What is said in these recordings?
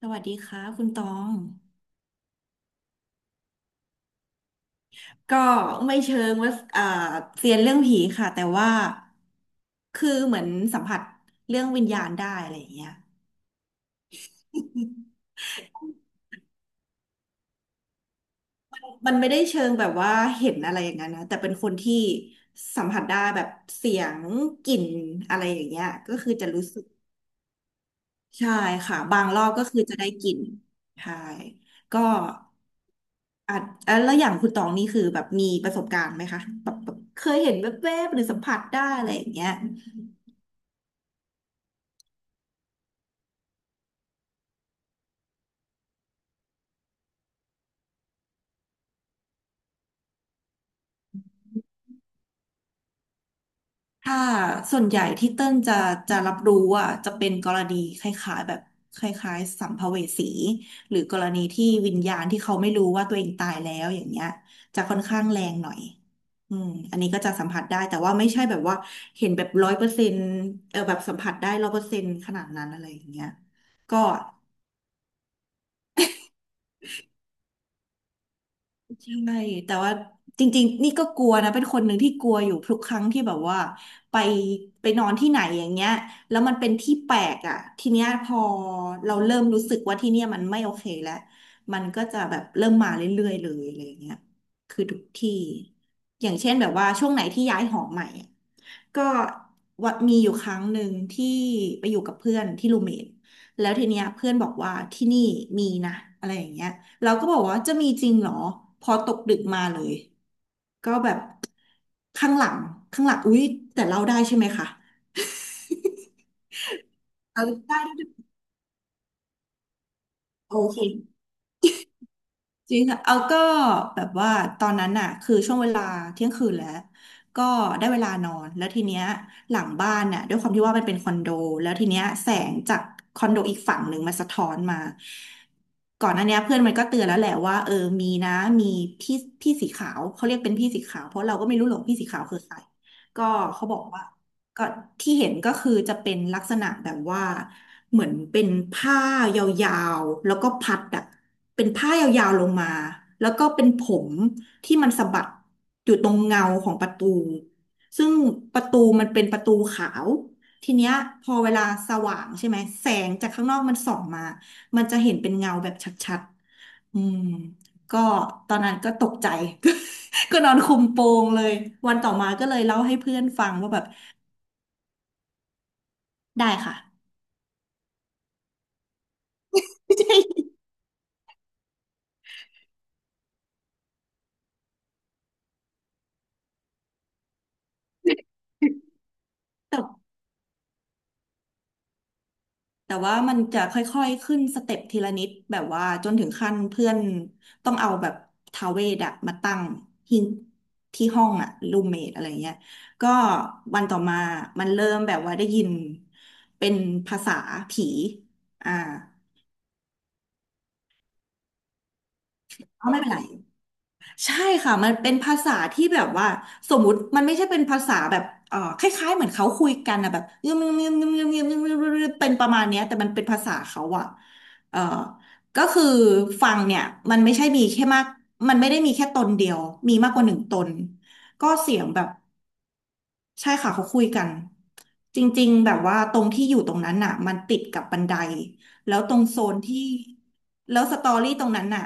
สวัสดีค่ะคุณตองก็ไม่เชิงว่าอ่าเซียนเรื่องผีค่ะแต่ว่าคือเหมือนสัมผัสเรื่องวิญญาณได้อะไรอย่างเงี้ย มันไม่ได้เชิงแบบว่าเห็นอะไรอย่างนั้นนะแต่เป็นคนที่สัมผัสได้แบบเสียงกลิ่นอะไรอย่างเงี้ยก็คือจะรู้สึก ใช่ค่ะบางรอบก็คือจะได้กลินใช่ก็อาจอ่ะแล้วอย่างคุณตองนี่คือแบบมีประสบการณ์ไหมคะแบบเคยเห็นแวบๆหรือสัมผัสได้อะไรอย่างเงี้ย ถ้าส่วนใหญ่ที่เติ้ลจะรับรู้อ่ะจะเป็นกรณีคล้ายๆแบบคล้ายๆสัมภเวสีหรือกรณีที่วิญญาณที่เขาไม่รู้ว่าตัวเองตายแล้วอย่างเงี้ยจะค่อนข้างแรงหน่อยอืมอันนี้ก็จะสัมผัสได้แต่ว่าไม่ใช่แบบว่าเห็นแบบร้อยเปอร์เซ็นต์เออแบบสัมผัสได้ร้อยเปอร์เซ็นต์ขนาดนั้นอะไรอย่างเงี้ยก็ ใช่แต่ว่าจริงๆนี่ก็กลัวนะเป็นคนหนึ่งที่กลัวอยู่ทุกครั้งที่แบบว่าไปนอนที่ไหนอย่างเงี้ยแล้วมันเป็นที่แปลกอ่ะทีเนี้ยพอเราเริ่มรู้สึกว่าที่เนี่ยมันไม่โอเคแล้วมันก็จะแบบเริ่มมาเรื่อยๆเลยอะไรอย่างเงี้ยคือทุกที่อย่างเช่นแบบว่าช่วงไหนที่ย้ายหอใหม่อะก็ว่ามีอยู่ครั้งหนึ่งที่ไปอยู่กับเพื่อนที่รูเมทแล้วทีเนี้ยเพื่อนบอกว่าที่นี่มีนะอะไรอย่างเงี้ย เราก็บอกว่าจะมีจริงเหรอพอตกดึกมาเลยก็แบบข้างหลังข้างหลังอุ๊ยแต่เราได้ใช่ไหมคะเราได้ด้วยโอเค จริงค่ะเอาก็แบบว่าตอนนั้นน่ะคือช่วงเวลาเที่ยงคืนแล้วก็ได้เวลานอนแล้วทีเนี้ยหลังบ้านน่ะด้วยความที่ว่ามันเป็นคอนโดแล้วทีเนี้ยแสงจากคอนโดอีกฝั่งหนึ่งมาสะท้อนมาก่อนหน้าเนี้ยเพื่อนมันก็เตือนแล้วแหละว่าเออมีนะมีพี่สีขาวเขาเรียกเป็นพี่สีขาวเพราะเราก็ไม่รู้หรอกพี่สีขาวคือใครก็เขาบอกว่า ก็ที่เห็นก็คือจะเป็นลักษณะแบบว่าเหมือนเป็นผ้ายาวๆแล้วก็พัดอะเป็นผ้ายาวๆลงมาแล้วก็เป็นผมที่มันสะบัดอยู่ตรงเงาของประตูซึ่งประตูมันเป็นประตูขาวทีเนี้ยพอเวลาสว่างใช่ไหมแสงจากข้างนอกมันส่องมามันจะเห็นเป็นเงาแบบชัดๆอืมก็ตอนนั้นก็ตกใจ ก็นอนคลุมโปงเลยวันต่อมาก็เลยเล่าให้เพื่อนฟังว่าแบบ ได้ค่ะ ใช่แต่ว่ามันจะค่อยๆขึ้นสเต็ปทีละนิดแบบว่าจนถึงขั้นเพื่อนต้องเอาแบบทาเวดอะมาตั้งที่ห้องอะรูมเมทอะไรเงี้ยก็วันต่อมามันเริ่มแบบว่าได้ยินเป็นภาษาผีอ่าก็ไม่เป็นไร ใช่ค่ะมันเป็นภาษาที่แบบว่าสมมุติมันไม่ใช่เป็นภาษาแบบคล้ายๆเหมือนเขาคุยกันนะแบบเงียบเงียบเงียบเงียบเงียบเงียบเงียบเงียบเป็นประมาณเนี้ยแต่มันเป็นภาษาเขาอะเอ่อก็คือฟังเนี่ยมันไม่ใช่มีแค่มากมันไม่ได้มีแค่ตนเดียวมีมากกว่าหนึ่งตนก็เสียงแบบ ใช่ค่ะเขาคุยกันจริงๆแบบว่าตรงที่อยู่ตรงนั้นน่ะมันติดกับบันไดแล้วตรงโซนที่แล้วสตอรี่ตรงนั้นน่ะ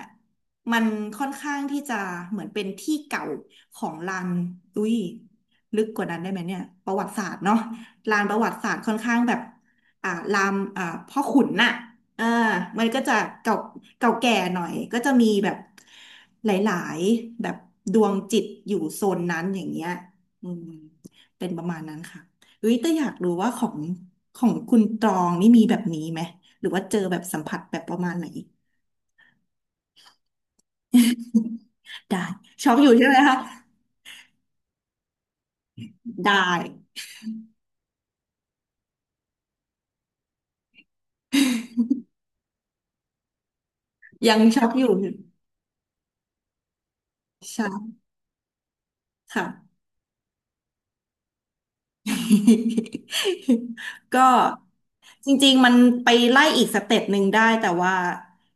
มันค่อนข้างที่จะเหมือนเป็นที่เก่าของลานอุ้ยลึกกว่านั้นได้ไหมเนี่ยประวัติศาสตร์เนาะลานประวัติศาสตร์ค่อนข้างแบบลามพ่อขุนน่ะเออมันก็จะเก่าเก่าแก่หน่อยก็จะมีแบบหลายๆแบบดวงจิตอยู่โซนนั้นอย่างเงี้ยอืม เป็นประมาณนั้นค่ะเฮ้ยแต่อยากรู้ว่าของคุณตรองนี่มีแบบนี้ไหมหรือว่าเจอแบบสัมผัสแบบประมาณไหน ได้ช็อกอยู่ใช่ไหมคะได้ยังช็อกอยู่ใช่ค่ะ ก็จริงๆมันไปไล่อีกสเต็ปหนึ่งได้แต่ว่า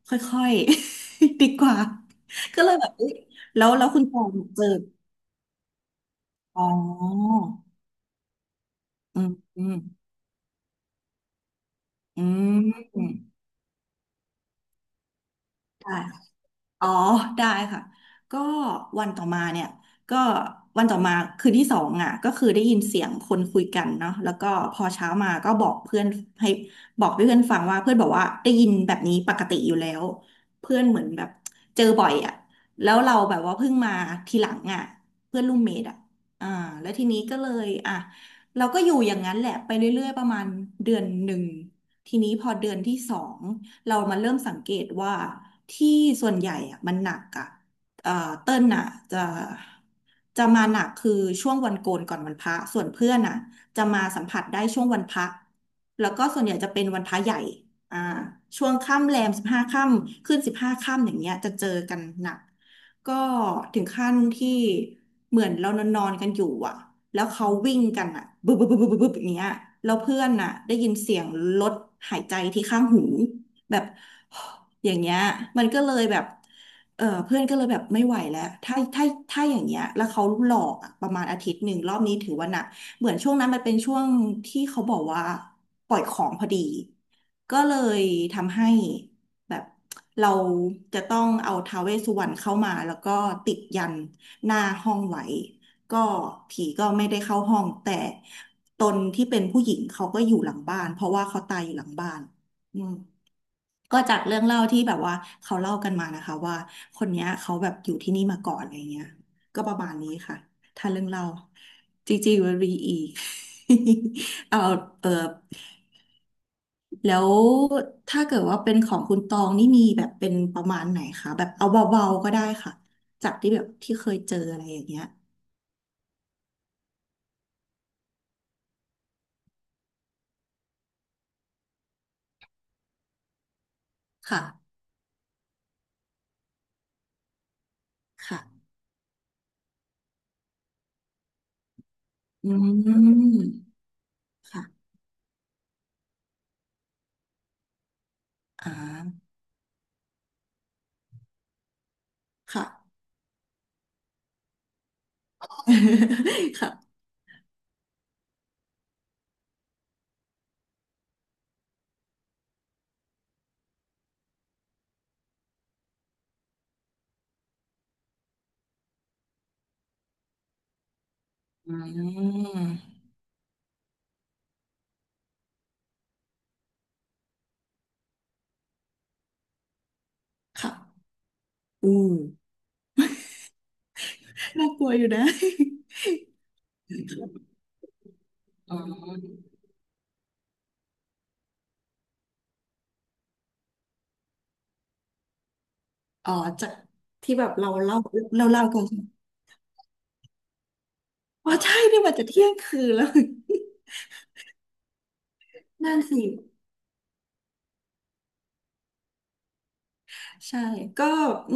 ค่อยๆ ดีกว่าก็เลยแบบเอยแล้วคุณปองเจออ๋ออืมอืมอืมได้ อ๋อได้ค่ะก็วันต่อมาเนี่ยก็วันต่อมาคืนที่สองอ่ะก็คือได้ยินเสียงคนคุยกันเนาะแล้วก็พอเช้ามาก็บอกเพื่อนให้บอกเพื่อนฟังว่าเพื่อนบอกว่าได้ยินแบบนี้ปกติอยู่แล้วเพื่อนเหมือนแบบเจอบ่อยอ่ะแล้วเราแบบว่าเพิ่งมาทีหลังอ่ะเพื่อนรูมเมทอ่ะอ่าแล้วทีนี้ก็เลยอ่ะเราก็อยู่อย่างนั้นแหละไปเรื่อยๆประมาณเดือนหนึ่งทีนี้พอเดือนที่สอง เรามาเริ่มสังเกตว่าที่ส่วนใหญ่อะมันหนักอะเอ่อเติ้ลน่ะจะจะมาหนักคือช่วงวันโกนก่อนวันพระส่วนเพื่อนน่ะจะมาสัมผัสได้ช่วงวันพระแล้วก็ส่วนใหญ่จะเป็นวันพระใหญ่อ่าช่วงค่ำแรมสิบห้าค่ำขึ้นสิบห้าค่ำอย่างเงี้ยจะเจอกันหนักก็ถึงขั้นที่เหมือนเรานอนๆกันอยู่อ่ะแล้วเขาวิ่งกันอ่ะบึบบึบบึบบึบบึบอย่างเงี้ยแล้วเพื่อนน่ะได้ยินเสียงรถหายใจที่ข้างหู แบบ อย่างเงี้ยมันก็เลยแบบเออเพื่อนก็เลยแบบไม่ไหวแล้วถ้าอย่างเงี้ยแล้วเขาหลอกอะประมาณอาทิตย์หนึ่งรอบนี้ถือว่าหนักเหมือนช่วงนั้นมันเป็นช่วงที่เขาบอกว่าปล่อยของพอดีก็เลยทำให้แบบเราจะต้องเอาท้าวเวสสุวรรณเข้ามาแล้วก็ติดยันหน้าห้องไว้ก็ผีก็ไม่ได้เข้าห้องแต่ตนที่เป็นผู้หญิงเขาก็อยู่หลังบ้านเพราะว่าเขาตายอยู่หลังบ้านอืม ก็จากเรื่องเล่าที่แบบว่าเขาเล่ากันมานะคะว่าคนเนี้ยเขาแบบอยู่ที่นี่มาก่อนอะไรเงี้ยก็ประมาณนี้ค่ะถ้าเรื่องเล่าจริงๆมันมีอีก เอาเออแล้วถ้าเกิดว่าเป็นของคุณตองนี่มีแบบเป็นประมาณไหนคะแบบเอาเบาๆก็ได้ค่ะจากที่แบบที่เคยเจออะไรอย่างเงี้ยค่ะค่ะอืมค่ะอ่าค่ะ ค่ะอืมค่ะอืม น่ากลัวอยู่นะอ๋ออ๋อจากที่แบบเราเล่าเราเล่ากันว่าใช่เนี่ยมันจะเที่ยงคืนแล้วนั่นสิใช่ก็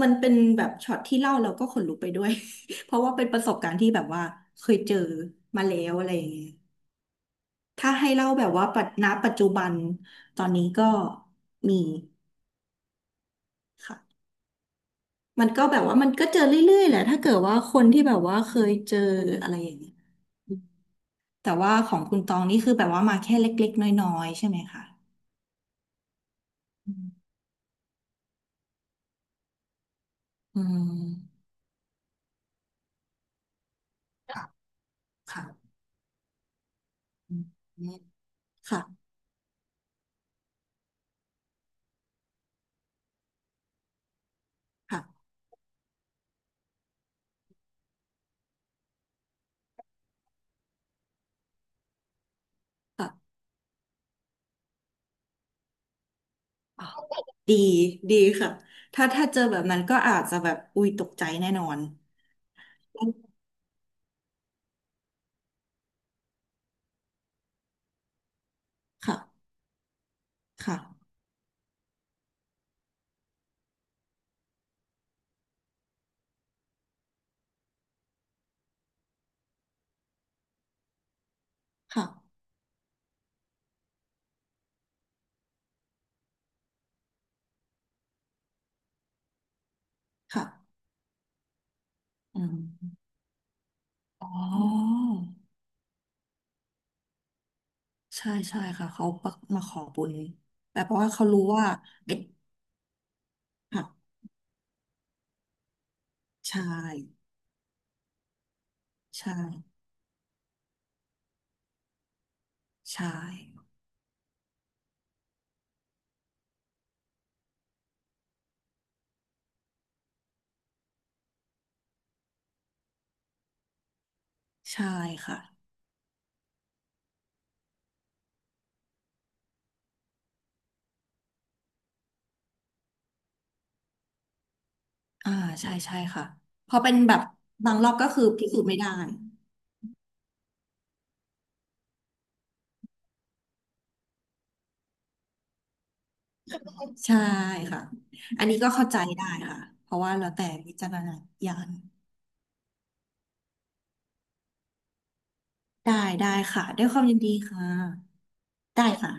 มันเป็นแบบช็อตที่เล่าเราก็ขนลุกไปด้วย เพราะว่าเป็นประสบการณ์ที่แบบว่าเคยเจอมาแล้วอะไรอย่างเงี้ยถ้าให้เล่าแบบว่าปัจจุบันตอนนี้ก็มีค่ะมันก็แบบว่ามันก็เจอเรื่อยๆแหละถ้าเกิดว่าคนที่แบบว่าเคยเจออะไรอย่างเงี้ย แต่ว่าของคุณตองนี่คือแบบว่ามาแค่เล็กๆน้อยๆใช่ไหมคะอืมอืมค่ะค่ะอืมค่ะค่ะค่ะอ๋อดี ดีค่ะถ้าถ้าเจอแบบนั้นก็อาจจะแบบ อุ้ย ตกใจแน่นอนค่ะค่ะค่ะค่ะอืมอ๋อใช่ใช่ค่ะ เขามาขอบุญแต่เพราะว่าเขารู้ว่าเด็กค่ะใช่ใช่ใช่ใช่ค่ะ อ่าใช่ใช่ค่ะพอเป็นแบบบางรอบก็คือพิสูจน์ไม่ได้ใช่ค่ะอันนี้ก็เข้าใจได้ค่ะเพราะว่าเราแต่วิจารณญาณได้ได้ค่ะด้วยความยินดีค่ะได้ค่ะ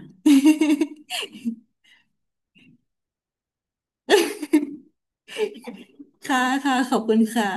ค่ะค่ะขอบคุณค่ะ